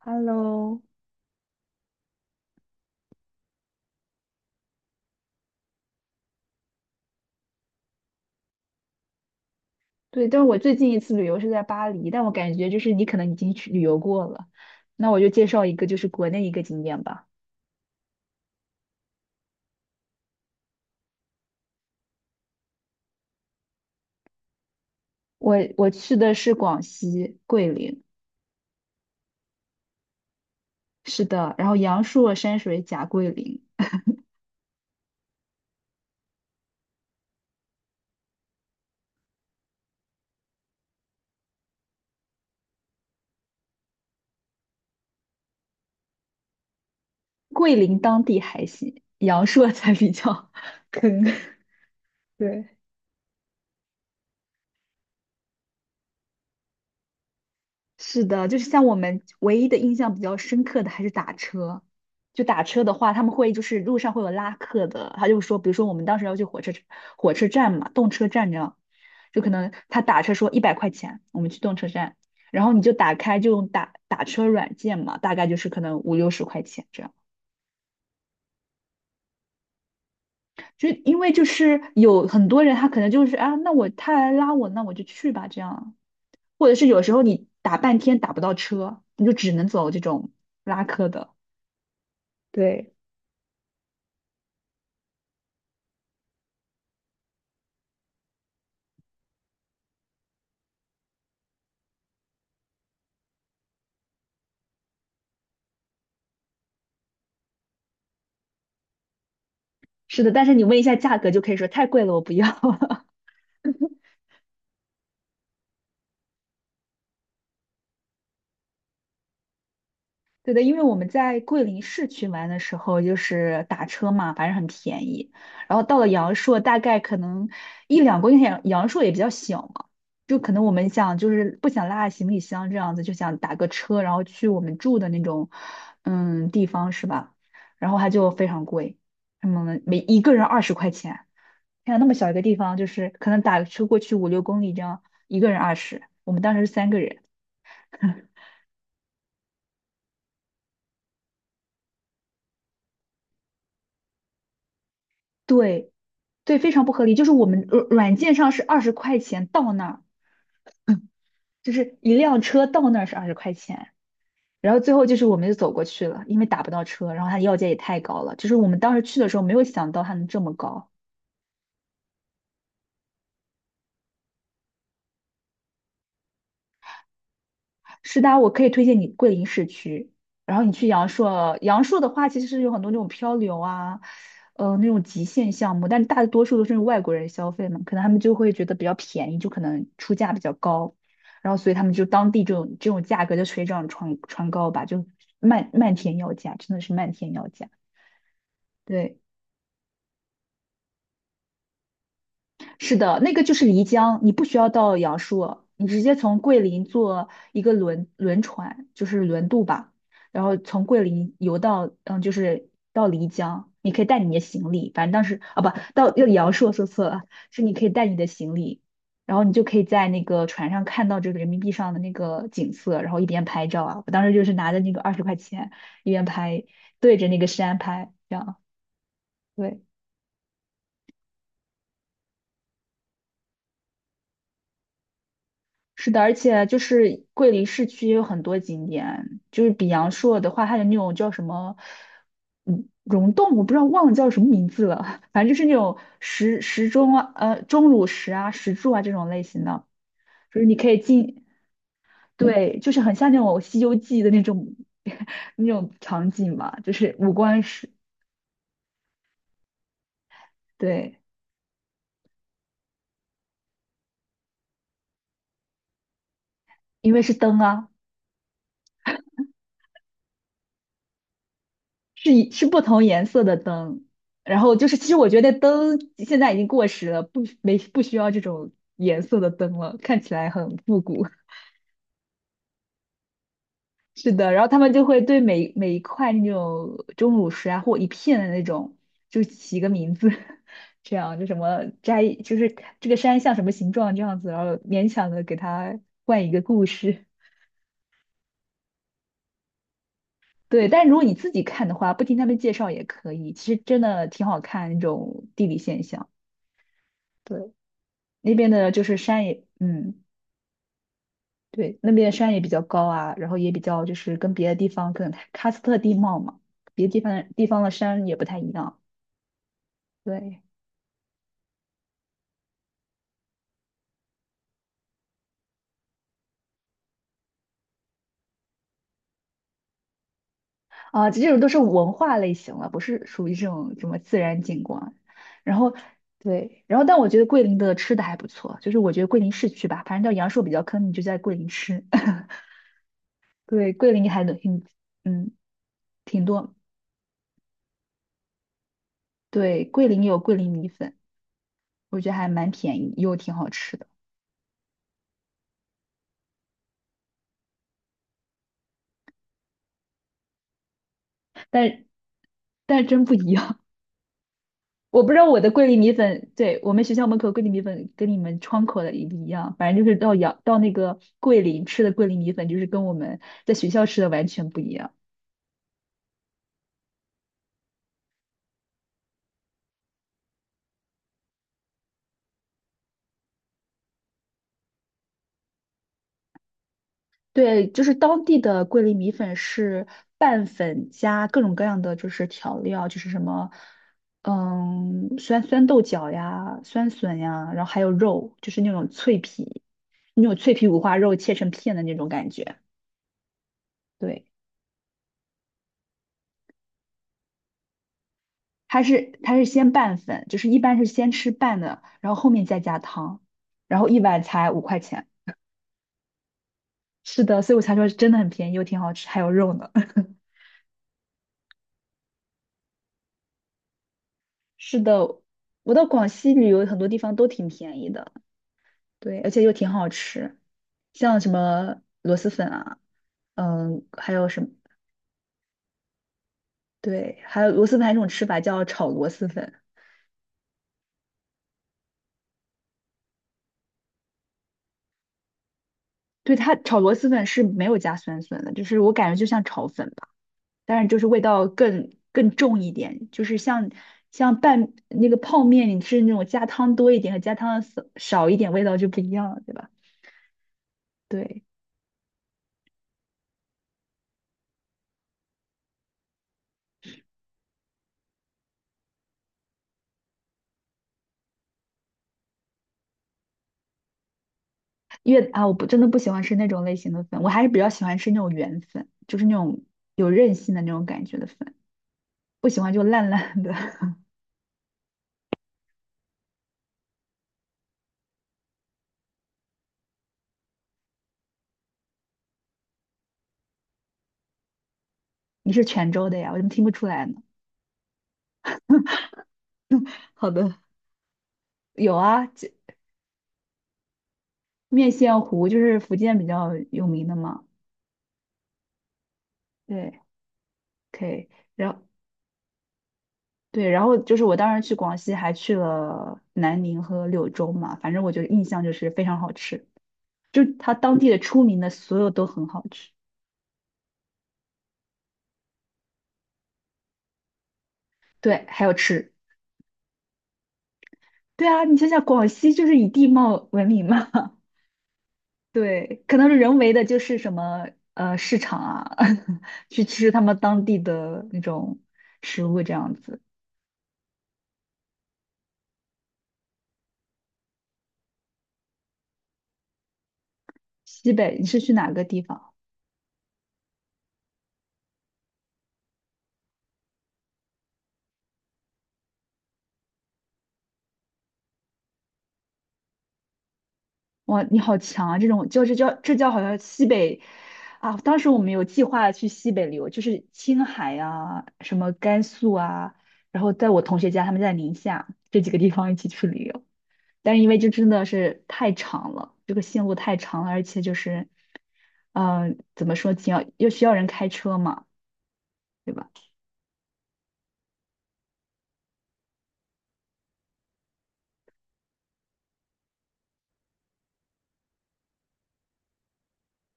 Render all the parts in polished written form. Hello,对，但是我最近一次旅游是在巴黎，但我感觉就是你可能已经去旅游过了，那我就介绍一个就是国内一个景点吧。我去的是广西桂林，是的，然后阳朔、山水甲桂林，桂林当地还行，阳朔 才比较 坑。对。是的，就是像我们唯一的印象比较深刻的还是打车。就打车的话，他们会就是路上会有拉客的，他就说，比如说我们当时要去火车站嘛，动车站这样，就可能他打车说100块钱，我们去动车站，然后你就打开就用打车软件嘛，大概就是可能五六十块钱这样。就因为就是有很多人他可能就是啊，那我他来拉我，那我就去吧这样，或者是有时候你打半天打不到车，你就只能走这种拉客的。对，是的，但是你问一下价格就可以说太贵了，我不要。对的，因为我们在桂林市区玩的时候，就是打车嘛，反正很便宜。然后到了阳朔，大概可能一两公里，阳朔也比较小嘛，就可能我们想就是不想拉行李箱这样子，就想打个车，然后去我们住的那种地方是吧？然后它就非常贵，什么每一个人二十块钱。看到那么小一个地方，就是可能打个车过去五六公里这样，一个人二十，我们当时是三个人，对，对，非常不合理。就是我们软件上是二十块钱到那儿，就是一辆车到那儿是二十块钱，然后最后就是我们就走过去了，因为打不到车，然后他要价也太高了，就是我们当时去的时候没有想到它能这么高。是的，我可以推荐你桂林市区，然后你去阳朔。阳朔的话，其实有很多那种漂流啊，那种极限项目，但大多数都是外国人消费嘛，可能他们就会觉得比较便宜，就可能出价比较高，然后所以他们就当地这种价格就水涨船高吧，就漫天要价，真的是漫天要价。对。是的，那个就是漓江，你不需要到阳朔，你直接从桂林坐一个轮船，就是轮渡吧，然后从桂林游到，就是到漓江，你可以带你的行李，反正当时啊不到要阳朔说错了，是你可以带你的行李，然后你就可以在那个船上看到这个人民币上的那个景色，然后一边拍照啊，我当时就是拿着那个二十块钱一边拍，对着那个山拍，这样，对，是的，而且就是桂林市区也有很多景点，就是比阳朔的话，它有那种叫什么，溶洞，我不知道忘了叫什么名字了，反正就是那种石钟啊，钟乳石啊、石柱啊这种类型的，就是你可以进，对，就是很像那种《西游记》的那种 那种场景嘛，就是五官石，对，因为是灯啊。是不同颜色的灯，然后就是其实我觉得灯现在已经过时了，不需要这种颜色的灯了，看起来很复古。是的，然后他们就会对每一块那种钟乳石啊，或一片的那种，就起个名字，这样就什么摘，就是这个山像什么形状这样子，然后勉强的给它换一个故事。对，但如果你自己看的话，不听他们介绍也可以，其实真的挺好看那种地理现象。对。那边的就是山也，对，那边的山也比较高啊，然后也比较就是跟别的地方可能喀斯特地貌嘛，别的地方的山也不太一样。对，啊，这种都是文化类型了，不是属于这种什么自然景观。然后对，然后但我觉得桂林的吃的还不错，就是我觉得桂林市区吧，反正叫阳朔比较坑，你就在桂林吃。对，桂林还能挺嗯，挺多。对，桂林有桂林米粉，我觉得还蛮便宜，又挺好吃的。但但是真不一样。我不知道我的桂林米粉，对，我们学校门口桂林米粉跟你们窗口的一不一样，反正就是到那个桂林吃的桂林米粉，就是跟我们在学校吃的完全不一样。对，就是当地的桂林米粉是拌粉加各种各样的就是调料，就是什么，酸豆角呀、酸笋呀，然后还有肉，就是那种脆皮，那种脆皮五花肉切成片的那种感觉。对。它是先拌粉，就是一般是先吃拌的，然后后面再加汤，然后一碗才5块钱。是的，所以我才说真的很便宜又挺好吃，还有肉呢。是的，我到广西旅游很多地方都挺便宜的，对，而且又挺好吃，像什么螺蛳粉啊，还有什么，对，还有螺蛳粉还有一种吃法叫炒螺蛳粉，对，它炒螺蛳粉是没有加酸笋的，就是我感觉就像炒粉，吧。当然就是味道更重一点，就是像拌那个泡面，你是那种加汤多一点和加汤少一点，味道就不一样了，对吧？对，因为啊，我不真的不喜欢吃那种类型的粉，我还是比较喜欢吃那种圆粉，就是那种有韧性的那种感觉的粉，不喜欢就烂烂的。你是泉州的呀，我怎么听不出来呢？好的，有啊，这糊就是福建比较有名的嘛，对，可以。然后。对，然后就是我当时去广西，还去了南宁和柳州嘛，反正我就印象就是非常好吃，就它当地的出名的所有都很好吃。对，还有吃。对啊，你想想，广西就是以地貌闻名嘛，对，可能是人为的，就是什么市场啊，去吃他们当地的那种食物这样子。西北，你是去哪个地方？哇，你好强啊！这种就是叫好像西北啊，当时我们有计划去西北旅游，就是青海啊，什么甘肃啊，然后在我同学家，他们在宁夏这几个地方一起去旅游，但是因为这真的是太长了，这个线路太长了，而且就是，怎么说，挺要又需要人开车嘛，对吧？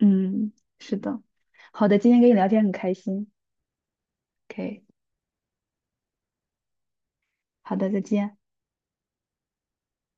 嗯，是的。好的，今天跟你聊天很开心。OK，好的，再见。